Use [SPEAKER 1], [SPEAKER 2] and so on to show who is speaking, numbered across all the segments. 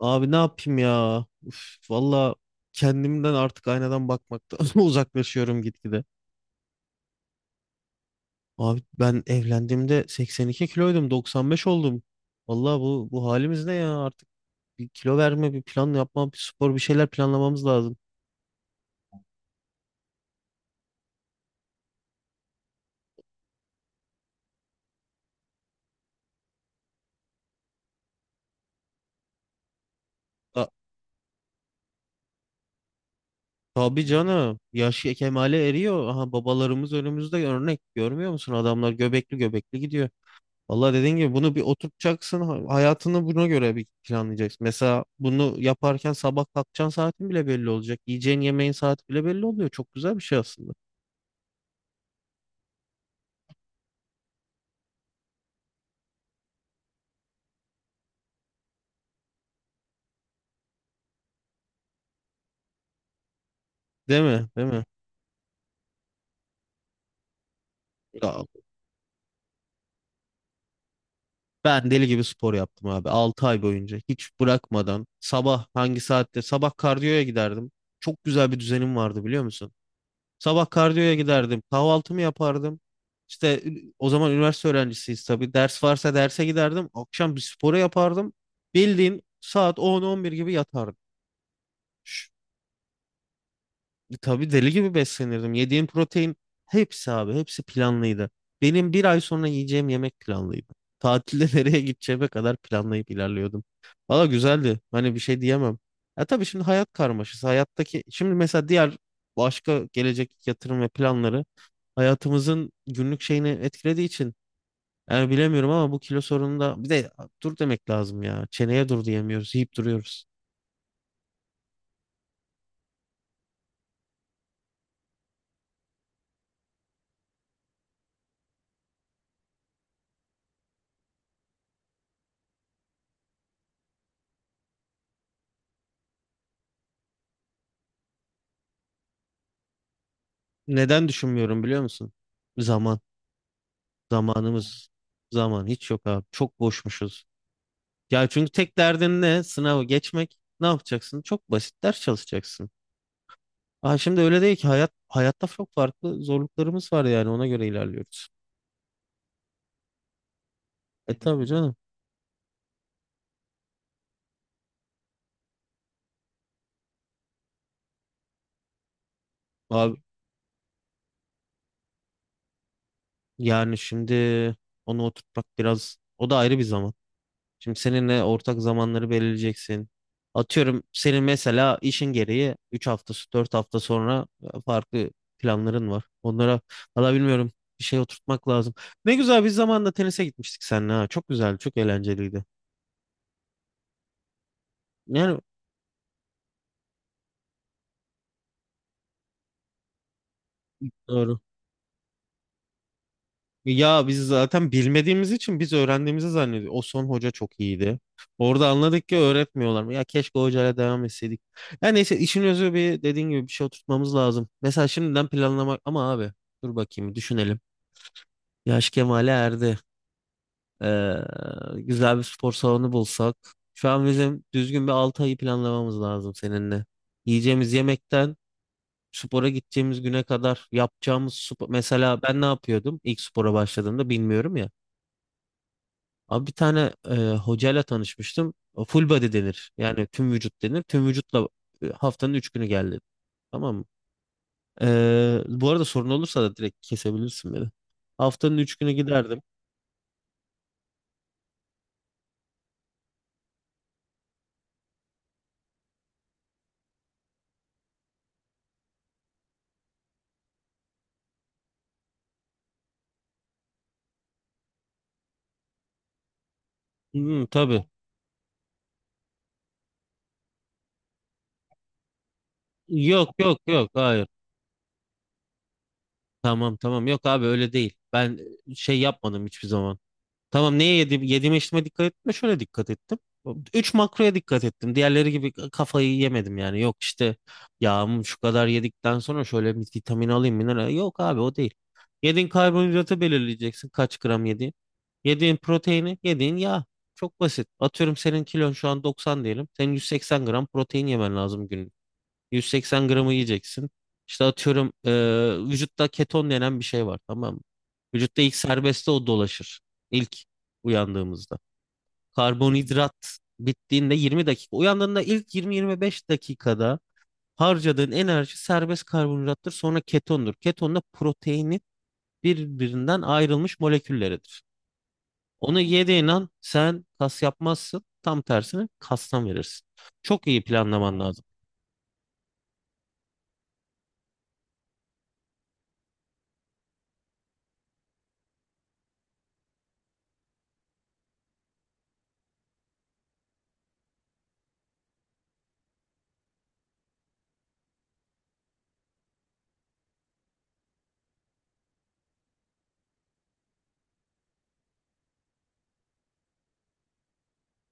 [SPEAKER 1] Abi ne yapayım ya? Uf, valla kendimden artık aynadan bakmaktan uzaklaşıyorum gitgide. Abi ben evlendiğimde 82 kiloydum, 95 oldum. Valla bu halimiz ne ya? Artık bir kilo verme, bir plan yapma, bir spor, bir şeyler planlamamız lazım. Ta- tabii canım. Yaş kemale eriyor. Aha babalarımız önümüzde örnek. Görmüyor musun? Adamlar göbekli göbekli gidiyor. Vallahi dediğin gibi bunu bir oturtacaksın. Hayatını buna göre bir planlayacaksın. Mesela bunu yaparken sabah kalkacağın saatin bile belli olacak. Yiyeceğin yemeğin saati bile belli oluyor. Çok güzel bir şey aslında. Değil mi? Değil mi? Ya, ben deli gibi spor yaptım abi. Altı ay boyunca hiç bırakmadan sabah hangi saatte sabah kardiyoya giderdim. Çok güzel bir düzenim vardı biliyor musun? Sabah kardiyoya giderdim. Kahvaltımı yapardım. İşte o zaman üniversite öğrencisiyiz tabii. Ders varsa derse giderdim. Akşam bir sporu yapardım. Bildiğin saat 10-11 gibi yatardım. Ş- Tabii deli gibi beslenirdim. Yediğim protein hepsi abi hepsi planlıydı. Benim bir ay sonra yiyeceğim yemek planlıydı. Tatilde nereye gideceğime kadar planlayıp ilerliyordum. Valla güzeldi. Hani bir şey diyemem. Ya tabii şimdi hayat karmaşası. Hayattaki şimdi mesela diğer başka gelecek yatırım ve planları hayatımızın günlük şeyini etkilediği için yani bilemiyorum ama bu kilo sorununda bir de dur demek lazım ya. Çeneye dur diyemiyoruz, yiyip duruyoruz. Neden düşünmüyorum biliyor musun? Zaman, zamanımız, zaman hiç yok abi. Çok boşmuşuz. Ya çünkü tek derdin ne? Sınavı geçmek. Ne yapacaksın? Çok basit ders çalışacaksın. Şimdi öyle değil ki hayat hayatta çok farklı zorluklarımız var yani ona göre ilerliyoruz. E tabii canım. Abi yani şimdi onu oturtmak biraz o da ayrı bir zaman. Şimdi seninle ortak zamanları belirleyeceksin. Atıyorum senin mesela işin gereği 3 hafta, 4 hafta sonra farklı planların var. Onlara valla bilmiyorum bir şey oturtmak lazım. Ne güzel biz zamanında tenise gitmiştik seninle ha. Çok güzeldi, çok eğlenceliydi. Yani doğru. Ya biz zaten bilmediğimiz için biz öğrendiğimizi zannediyoruz. O son hoca çok iyiydi. Orada anladık ki öğretmiyorlar. Ya keşke o hocayla devam etseydik. Ya neyse işin özü bir dediğin gibi bir şey oturtmamız lazım. Mesela şimdiden planlamak ama abi dur bakayım düşünelim. Yaş kemale erdi. Ee, güzel bir spor salonu bulsak. Şu an bizim düzgün bir 6 ayı planlamamız lazım seninle. Yiyeceğimiz yemekten spora gideceğimiz güne kadar yapacağımız spor. Mesela ben ne yapıyordum ilk spora başladığımda bilmiyorum ya. Abi bir tane hocayla tanışmıştım. O Full body denir. Yani tüm vücut denir. Tüm vücutla haftanın 3 günü geldi. Tamam mı? Bu arada sorun olursa da direkt kesebilirsin beni. Haftanın 3 günü giderdim. Hı, tabii. Yok, yok, yok, hayır. Tamam, tamam, yok abi öyle değil. Ben şey yapmadım hiçbir zaman. Tamam neye yedim, yediğime içtiğime dikkat ettim de şöyle dikkat ettim. Üç makroya dikkat ettim. Diğerleri gibi kafayı yemedim yani. Yok işte yağım şu kadar yedikten sonra şöyle bir vitamin alayım mineral. Yok abi o değil. Yediğin karbonhidratı belirleyeceksin kaç gram yediğin. Yediğin proteini, yediğin yağ. Çok basit. Atıyorum senin kilon şu an 90 diyelim. Senin 180 gram protein yemen lazım 180 gramı yiyeceksin. İşte atıyorum vücutta keton denen bir şey var tamam mı? Vücutta ilk serbestte o dolaşır. İlk uyandığımızda. Karbonhidrat bittiğinde 20 dakika. Uyandığında ilk 20-25 dakikada harcadığın enerji serbest karbonhidrattır. Sonra ketondur. Keton da proteini birbirinden ayrılmış molekülleridir. Onu yediğin an sen kas yapmazsın. Tam tersine kastan verirsin. Çok iyi planlaman lazım.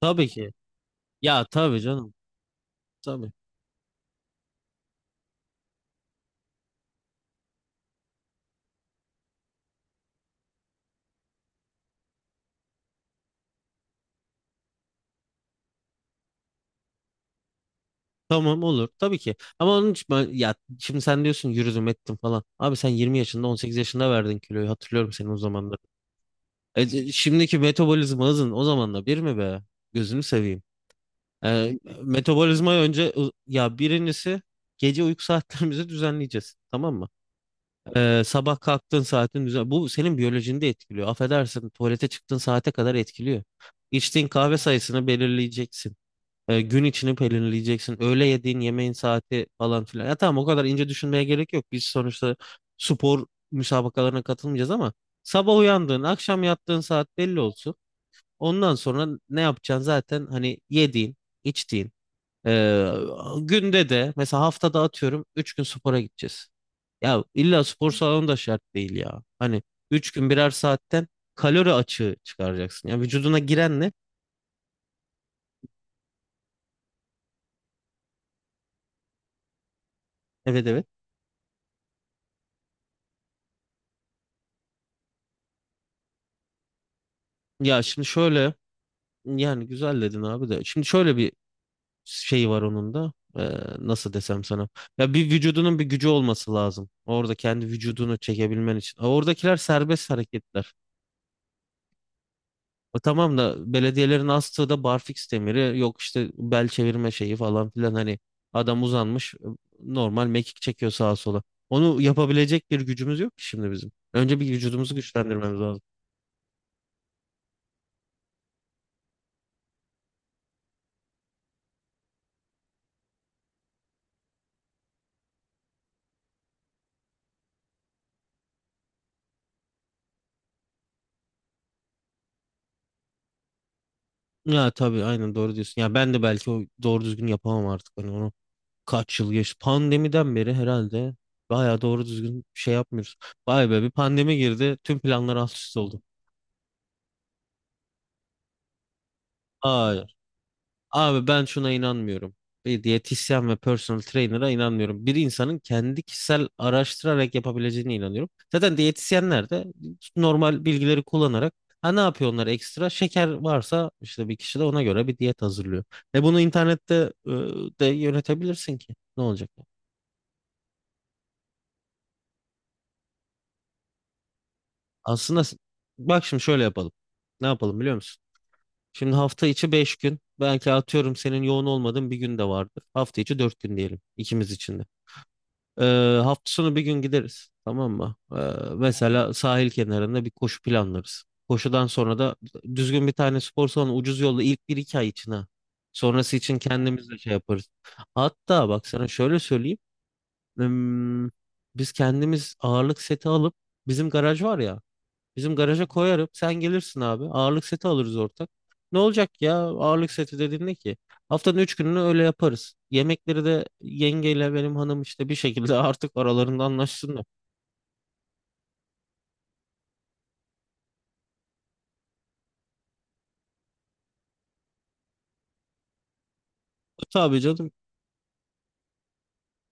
[SPEAKER 1] Tabii ki. Ya tabii canım. Tabii. Tamam olur tabii ki. Ama onun için ben, ya şimdi sen diyorsun yürüdüm ettim falan. Abi sen 20 yaşında 18 yaşında verdin kiloyu hatırlıyorum seni o zamanları. Şimdiki metabolizma hızın o zamanla bir mi be? Gözünü seveyim. Metabolizma önce ya birincisi gece uyku saatlerimizi düzenleyeceğiz. Tamam mı? Sabah kalktığın saatin düzen bu senin biyolojini de etkiliyor. Affedersin tuvalete çıktığın saate kadar etkiliyor. İçtiğin kahve sayısını belirleyeceksin. Gün içini pelerinleyeceksin. Öğle yediğin yemeğin saati falan filan. Ya tamam o kadar ince düşünmeye gerek yok. Biz sonuçta spor müsabakalarına katılmayacağız ama sabah uyandığın, akşam yattığın saat belli olsun. Ondan sonra ne yapacaksın zaten hani yediğin, içtiğin. E, günde de mesela haftada atıyorum 3 gün spora gideceğiz. Ya illa spor salonu da şart değil ya. Hani 3 gün birer saatten kalori açığı çıkaracaksın. Ya vücuduna giren ne? Evet, evet. Ya şimdi şöyle yani güzel dedin abi de. Şimdi şöyle bir şey var onun da. Nasıl desem sana. Ya bir vücudunun bir gücü olması lazım. Orada kendi vücudunu çekebilmen için. Ha, oradakiler serbest hareketler. O tamam da belediyelerin astığı da barfiks demiri. Yok işte bel çevirme şeyi falan filan. Hani adam uzanmış normal mekik çekiyor sağa sola. Onu yapabilecek bir gücümüz yok ki şimdi bizim. Önce bir vücudumuzu evet, güçlendirmemiz lazım. Ya tabii aynen doğru diyorsun. Ya ben de belki o doğru düzgün yapamam artık. Hani onu kaç yıl geç pandemiden beri herhalde bayağı doğru düzgün bir şey yapmıyoruz. Vay be bir pandemi girdi tüm planlar alt üst oldu. Hayır. Abi ben şuna inanmıyorum. Bir diyetisyen ve personal trainer'a inanmıyorum. Bir insanın kendi kişisel araştırarak yapabileceğine inanıyorum. Zaten diyetisyenler de normal bilgileri kullanarak ha ne yapıyor onlar ekstra? Şeker varsa işte bir kişi de ona göre bir diyet hazırlıyor. E bunu internette de yönetebilirsin ki. Ne olacak? Aslında bak şimdi şöyle yapalım. Ne yapalım biliyor musun? Şimdi hafta içi 5 gün. Belki atıyorum senin yoğun olmadığın bir gün de vardır. Hafta içi 4 gün diyelim ikimiz için de. Hafta sonu bir gün gideriz. Tamam mı? Mesela sahil kenarında bir koşu planlarız. Koşudan sonra da düzgün bir tane spor salonu ucuz yolda ilk bir iki ay için ha. Sonrası için kendimiz de şey yaparız. Hatta bak sana şöyle söyleyeyim. Hmm, Biz kendimiz ağırlık seti alıp bizim garaj var ya. Bizim garaja koyarım. Sen gelirsin abi. Ağırlık seti alırız ortak. Ne olacak ya ağırlık seti dediğin ne ki? Haftanın 3 gününü öyle yaparız. Yemekleri de yengeyle benim hanım işte bir şekilde artık aralarında anlaşsınlar. Tabii canım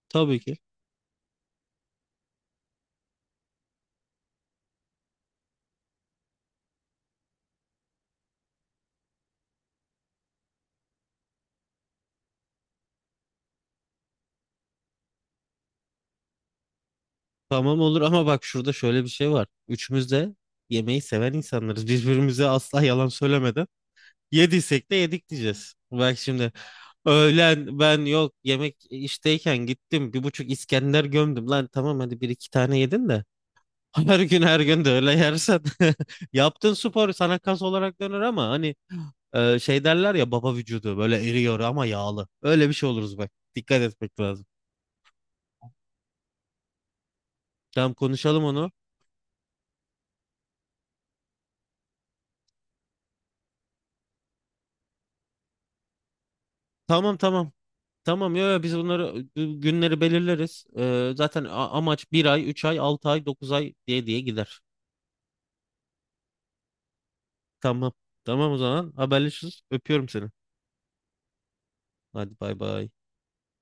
[SPEAKER 1] tabii ki. Tamam olur ama bak şurada şöyle bir şey var. Üçümüz de yemeği seven insanlarız. Birbirimize asla yalan söylemeden yediysek de yedik diyeceğiz. Bak şimdi öğlen ben yok yemek işteyken gittim bir buçuk İskender gömdüm. Lan tamam hadi bir iki tane yedin de her gün her gün de öyle yersen yaptığın spor sana kas olarak döner ama hani şey derler ya baba vücudu böyle eriyor ama yağlı. Öyle bir şey oluruz bak. Dikkat etmek lazım. Tamam konuşalım onu. Tamam, tamam. Tamam yo, yo, biz bunları bu günleri belirleriz. Zaten amaç bir ay, 3 ay, 6 ay, 9 ay diye diye gider. Tamam. Tamam o zaman haberleşiriz. Öpüyorum seni. Hadi bay bay.